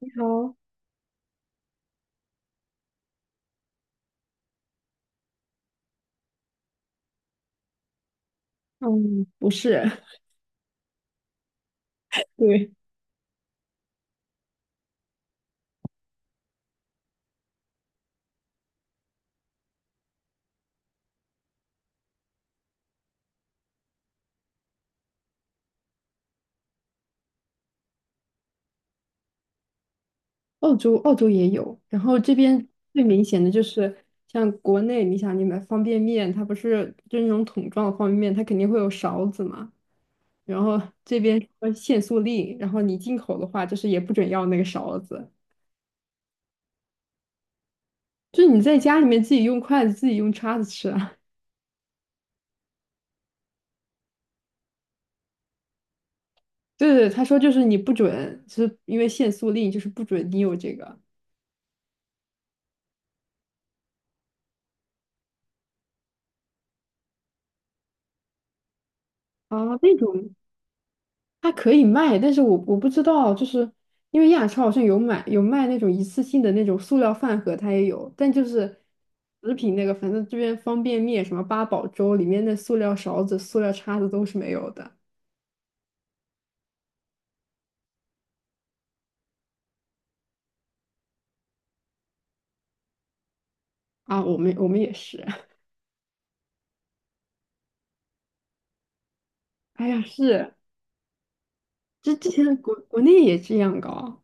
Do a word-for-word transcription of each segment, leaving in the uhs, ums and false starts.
你好。嗯，不是。对。澳洲澳洲也有，然后这边最明显的就是像国内，你想你买方便面，它不是就是那种桶装的方便面，它肯定会有勺子嘛，然后这边说限塑令，然后你进口的话就是也不准要那个勺子，就是你在家里面自己用筷子、自己用叉子吃啊。对对，他说就是你不准，就是因为限塑令，就是不准你有这个。啊那种它可以卖，但是我我不知道，就是因为亚超好像有买有卖那种一次性的那种塑料饭盒，它也有，但就是食品那个，反正这边方便面什么八宝粥里面的塑料勺子、塑料叉子都是没有的啊。我们我们也是，哎呀，是这之前国国内也这样搞，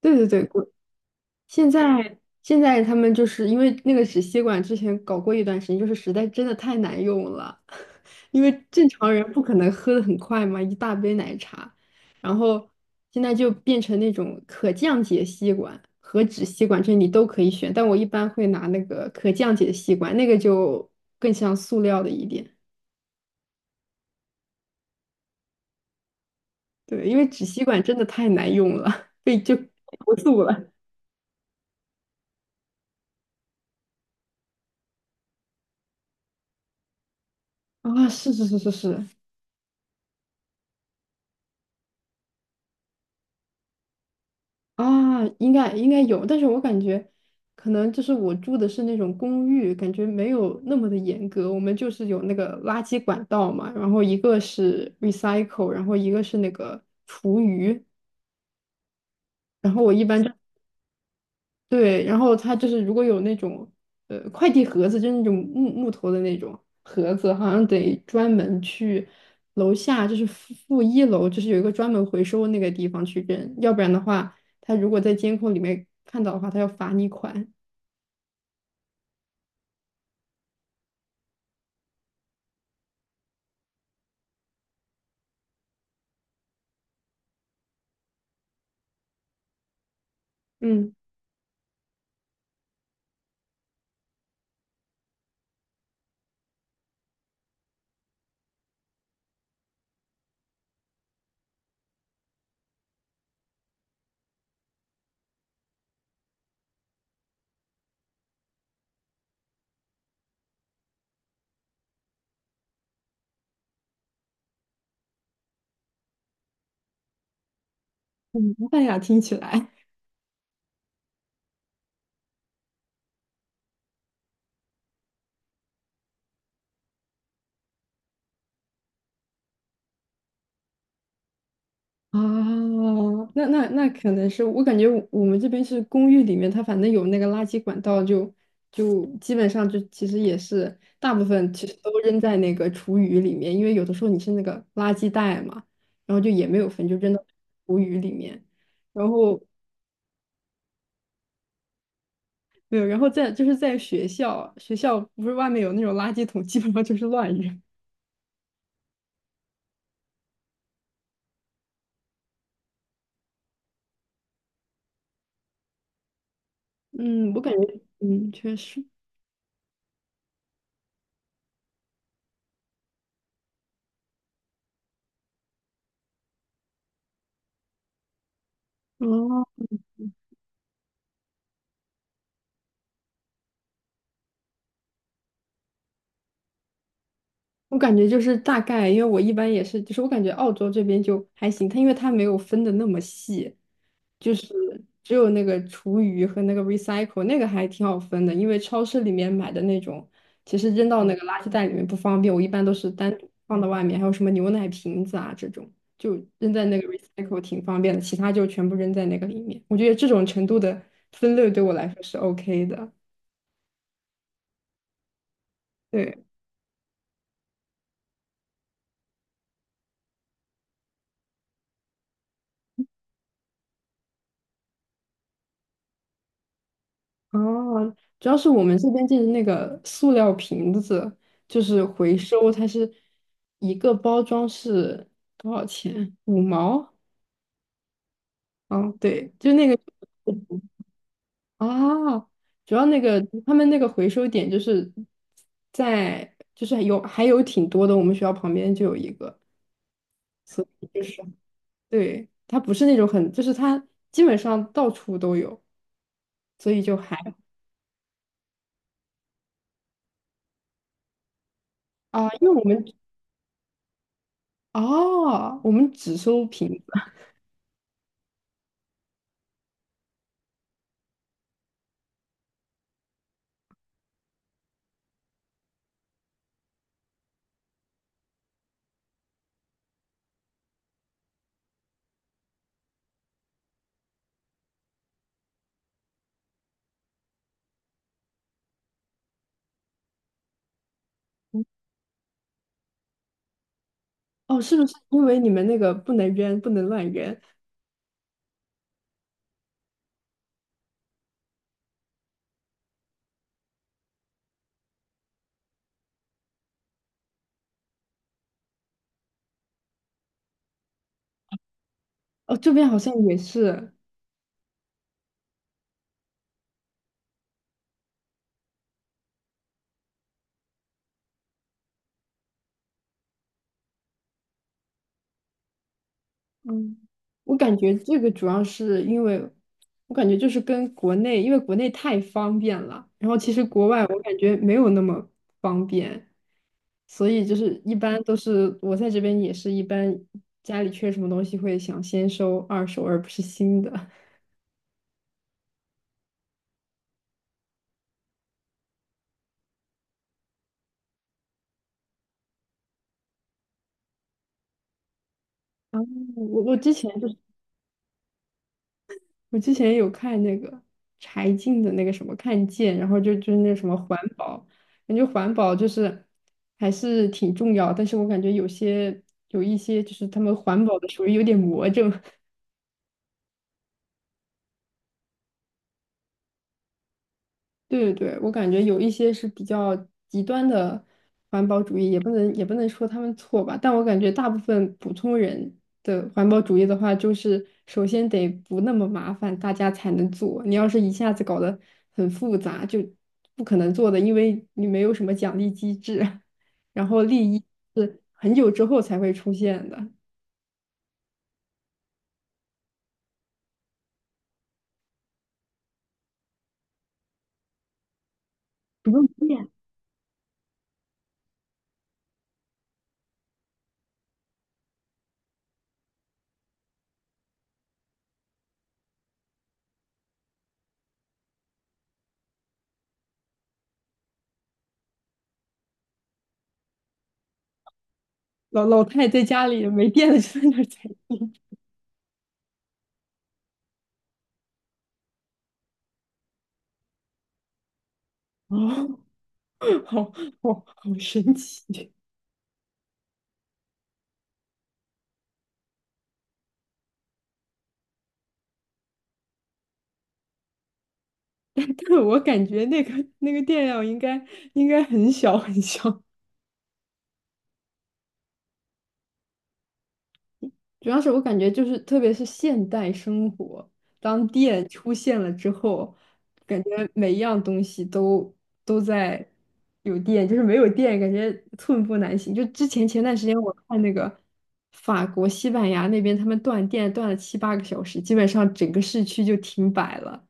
对对对，国现在，现在他们就是因为那个纸吸管之前搞过一段时间，就是实在真的太难用了。因为正常人不可能喝的很快嘛，一大杯奶茶，然后现在就变成那种可降解吸管和纸吸管，这你都可以选，但我一般会拿那个可降解吸管，那个就更像塑料的一点。对，因为纸吸管真的太难用了，被就投诉了。啊，是是是是是。啊，应该应该有，但是我感觉可能就是我住的是那种公寓，感觉没有那么的严格。我们就是有那个垃圾管道嘛，然后一个是 recycle,然后一个是那个厨余，然后我一般就对，然后他就是如果有那种呃快递盒子，就是那种木木头的那种盒子，好像得专门去楼下，就是负负一楼，就是有一个专门回收那个地方去扔，要不然的话，他如果在监控里面看到的话，他要罚你款。嗯，很麻烦呀，听起来。啊，那那那可能是我感觉我我们这边是公寓里面，它反正有那个垃圾管道就，就基本上就其实也是大部分其实都扔在那个厨余里面，因为有的时候你是那个垃圾袋嘛，然后就也没有分，就扔到厨余里面。然后没有，然后在就是在学校，学校不是外面有那种垃圾桶，基本上就是乱扔。嗯，我感觉嗯确实。哦，我感觉就是大概，因为我一般也是，就是我感觉澳洲这边就还行，它因为它没有分的那么细，就是只有那个厨余和那个 recycle 那个还挺好分的，因为超市里面买的那种，其实扔到那个垃圾袋里面不方便，我一般都是单独放到外面，还有什么牛奶瓶子啊这种，就扔在那个 recycle 挺方便的，其他就全部扔在那个里面。我觉得这种程度的分类对我来说是 OK 的。对。哦，主要是我们这边就是那个塑料瓶子，就是回收，它是一个包装是多少钱？五毛？嗯，对，就那个啊，主要那个他们那个回收点就是在，就是有还有挺多的，我们学校旁边就有一个，所以就是对，它不是那种很，就是它基本上到处都有，所以就还啊，因为我们哦，我们只收瓶。哦，是不是因为你们那个不能扔，不能乱扔？哦，这边好像也是。嗯，我感觉这个主要是因为，我感觉就是跟国内，因为国内太方便了，然后其实国外我感觉没有那么方便，所以就是一般都是我在这边也是一般家里缺什么东西会想先收二手而不是新的。然后我我之前就是我之前有看那个柴静的那个什么看见，然后就就是那个什么环保，感觉环保就是还是挺重要，但是我感觉有些有一些就是他们环保的属于有点魔怔。对对对，我感觉有一些是比较极端的环保主义，也不能也不能说他们错吧，但我感觉大部分普通人的环保主义的话，就是首先得不那么麻烦，大家才能做。你要是一下子搞得很复杂，就不可能做的，因为你没有什么奖励机制，然后利益是很久之后才会出现的。不用老老太在家里没电了就在那儿踩，哦，好好好神奇。我感觉那个那个电量应该应该很小很小，主要是我感觉就是特别是现代生活，当电出现了之后，感觉每一样东西都都在有电，就是没有电感觉寸步难行。就之前前段时间我看那个法国、西班牙那边他们断电断了七八个小时，基本上整个市区就停摆了。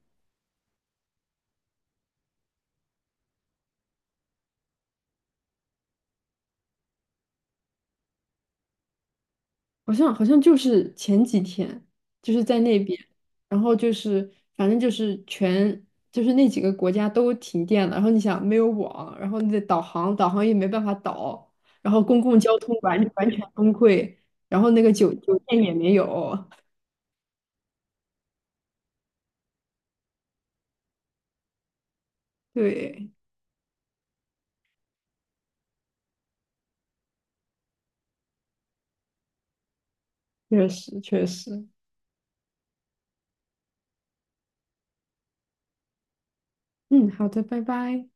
好像好像就是前几天，就是在那边，然后就是反正就是全就是那几个国家都停电了，然后你想没有网，然后你的导航导航也没办法导，然后公共交通完 完全崩溃，然后那个酒酒店也没有，对，确实确实。嗯，好的，拜拜。